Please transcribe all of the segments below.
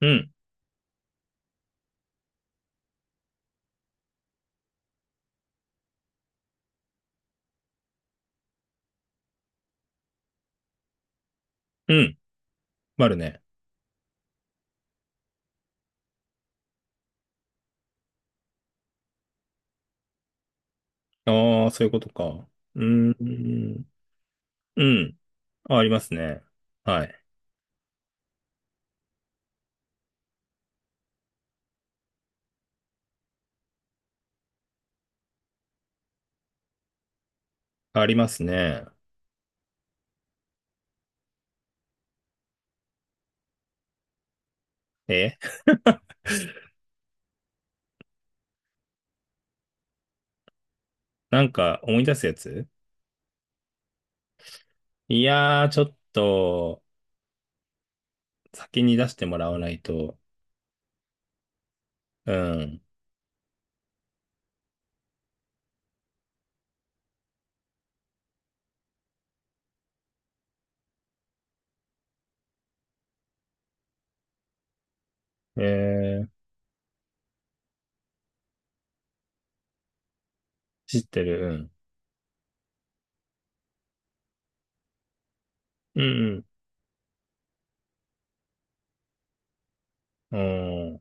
うん、うん、あるね。ああ、そういうことか。うーん、うん、あ、ありますね。はい。ありますね。え。 なんか思い出すやつ。いやー、ちょっと、先に出してもらわないと。うん。えー、知ってる。うん。うん、うん。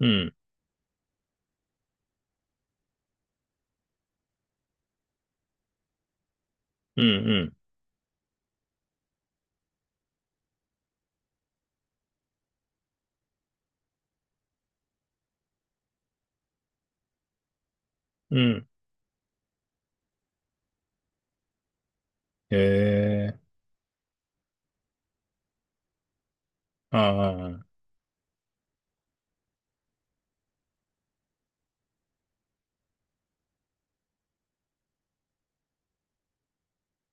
うん、うん、うん。うん。えああ、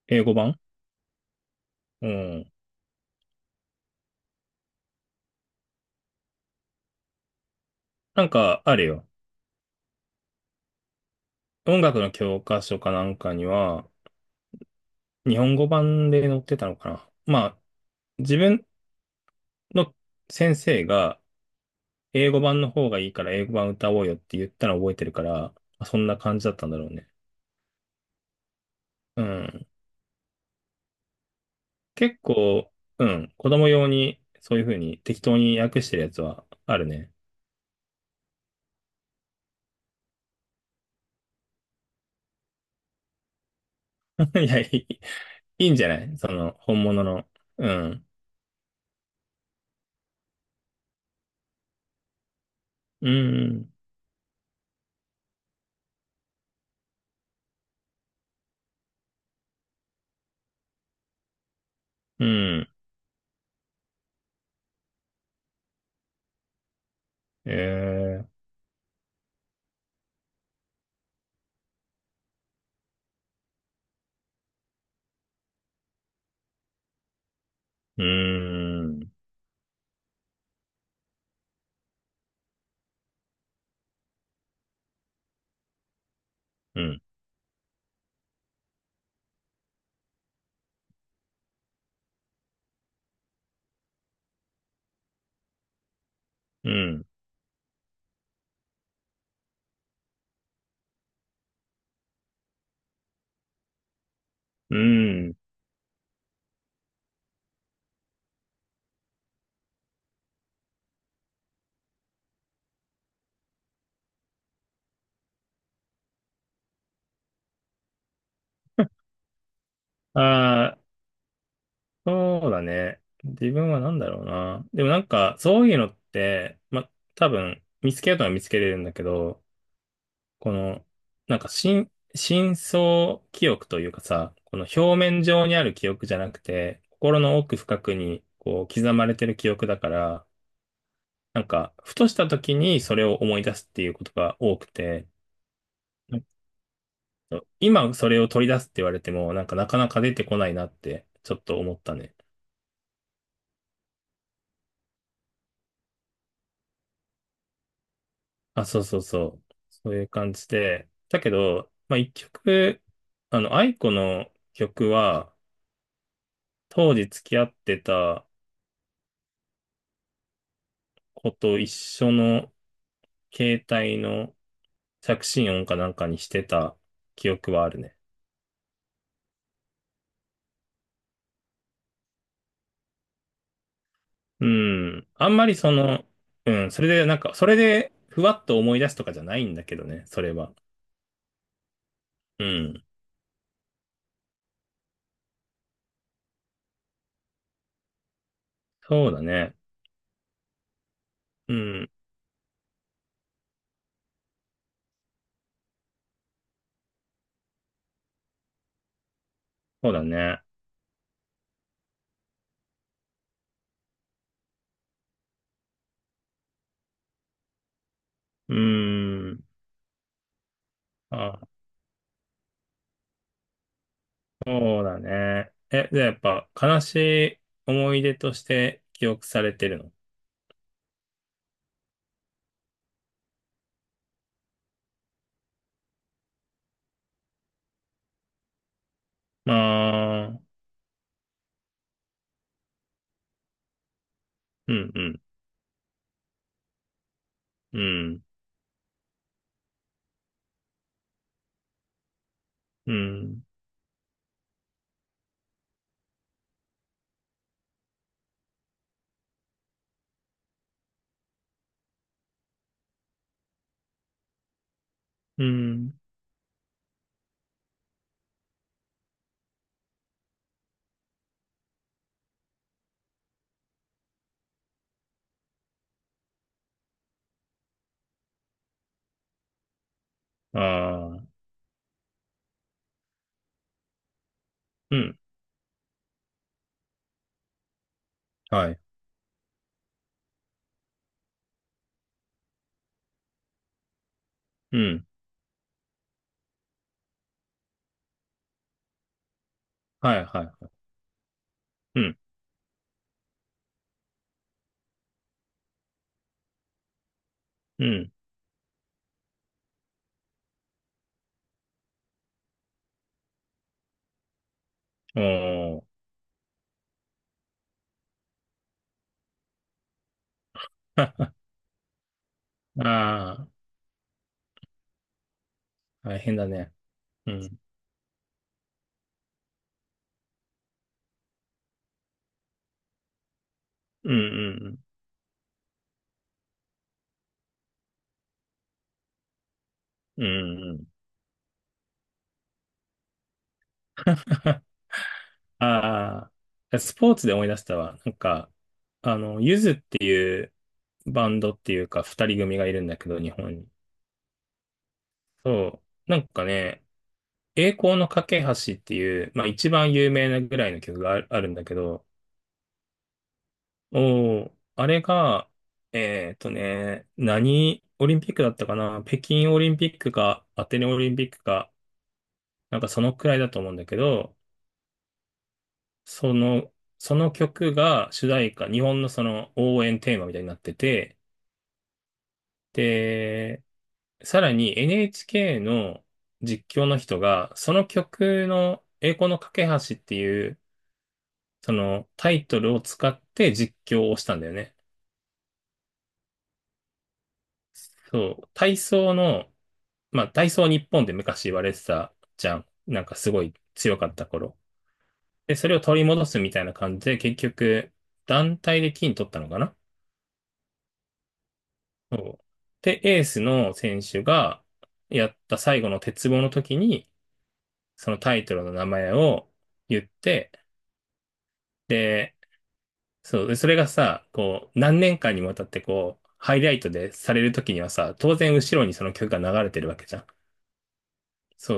英語版。うん。なんか、あるよ。音楽の教科書かなんかには、日本語版で載ってたのかな。まあ、自分の先生が英語版の方がいいから英語版歌おうよって言ったのを覚えてるから、まあそんな感じだったんだろうね。うん。結構、うん。子供用にそういう風に適当に訳してるやつはあるね。いや、いいんじゃないその、本物の。うん。うん。うん。えー、うん。うん。うん。うん。ああー、そうだね。自分はなんだろうな。でもなんか、そういうのって、ま、多分、見つけようとは見つけれるんだけど、この、なんか、深層記憶というかさ、この表面上にある記憶じゃなくて、心の奥深くに、こう、刻まれてる記憶だから、なんか、ふとした時にそれを思い出すっていうことが多くて、なんか今それを取り出すって言われても、なんかなかなか出てこないなって、ちょっと思ったね。あ、そうそうそう。そういう感じで。だけど、まあ、一曲、愛子の曲は、当時付き合ってた子と一緒の携帯の着信音かなんかにしてた記憶はあるね。うん。あんまりその、うん、それでなんか、それでふわっと思い出すとかじゃないんだけどね、それは。うん。そうだね。うん。そうだね。うん。あ、そうだね。え、じゃあやっぱ悲しい思い出として記憶されてるの？まあ、うん。うん。うん。うん。うん。ああ。うん。はい。うん。はい、はい。うん。うん。おー。 ああー、大変だね。うん。うん。うん。うん。うん。うん。 ああ、スポーツで思い出したわ。なんか、ゆずっていうバンドっていうか二人組がいるんだけど、日本に。そう。なんかね、栄光の架け橋っていう、まあ一番有名なぐらいの曲がああるんだけど、おー、あれが、何オリンピックだったかな、北京オリンピックかアテネオリンピックか、なんかそのくらいだと思うんだけど、その、その、曲が主題歌、日本のその応援テーマみたいになってて、で、さらに NHK の実況の人が、その曲の栄光の架け橋っていう、そのタイトルを使って実況をしたんだよね。そう、体操の、まあ、体操日本で昔言われてたじゃん。なんかすごい強かった頃。で、それを取り戻すみたいな感じで、結局、団体で金取ったのかな？そう。で、エースの選手がやった最後の鉄棒の時に、そのタイトルの名前を言って、で、そう、で、それがさ、こう、何年間にわたってこう、ハイライトでされるときにはさ、当然後ろにその曲が流れてるわけじゃん。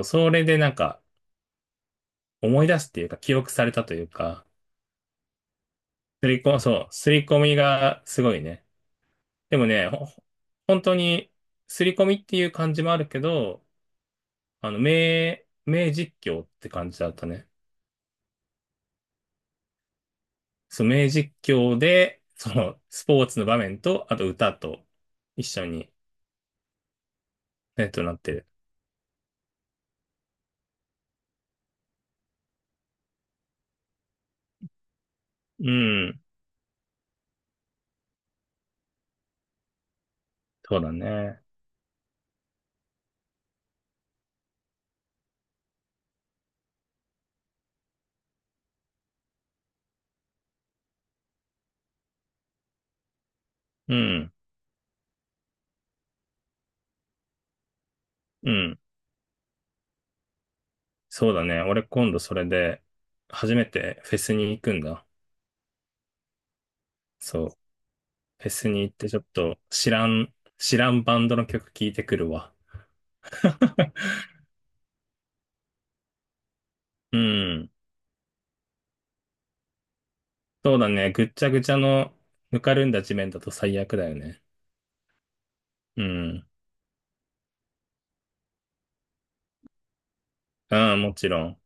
そう、それでなんか、思い出すっていうか、記憶されたというか、すりこ、そう、すり込みがすごいね。でもね、本当に、すり込みっていう感じもあるけど、名実況って感じだったね。そう、名実況で、その、スポーツの場面と、あと歌と一緒に、ね、となってる。うん、そうだね。うん。うん。そうだね。俺今度それで、初めてフェスに行くんだ。そう。フェスに行ってちょっと知らんバンドの曲聴いてくるわ。うん。そうだね。ぐっちゃぐちゃのぬかるんだ地面だと最悪だよね。うん。うん、もちろん。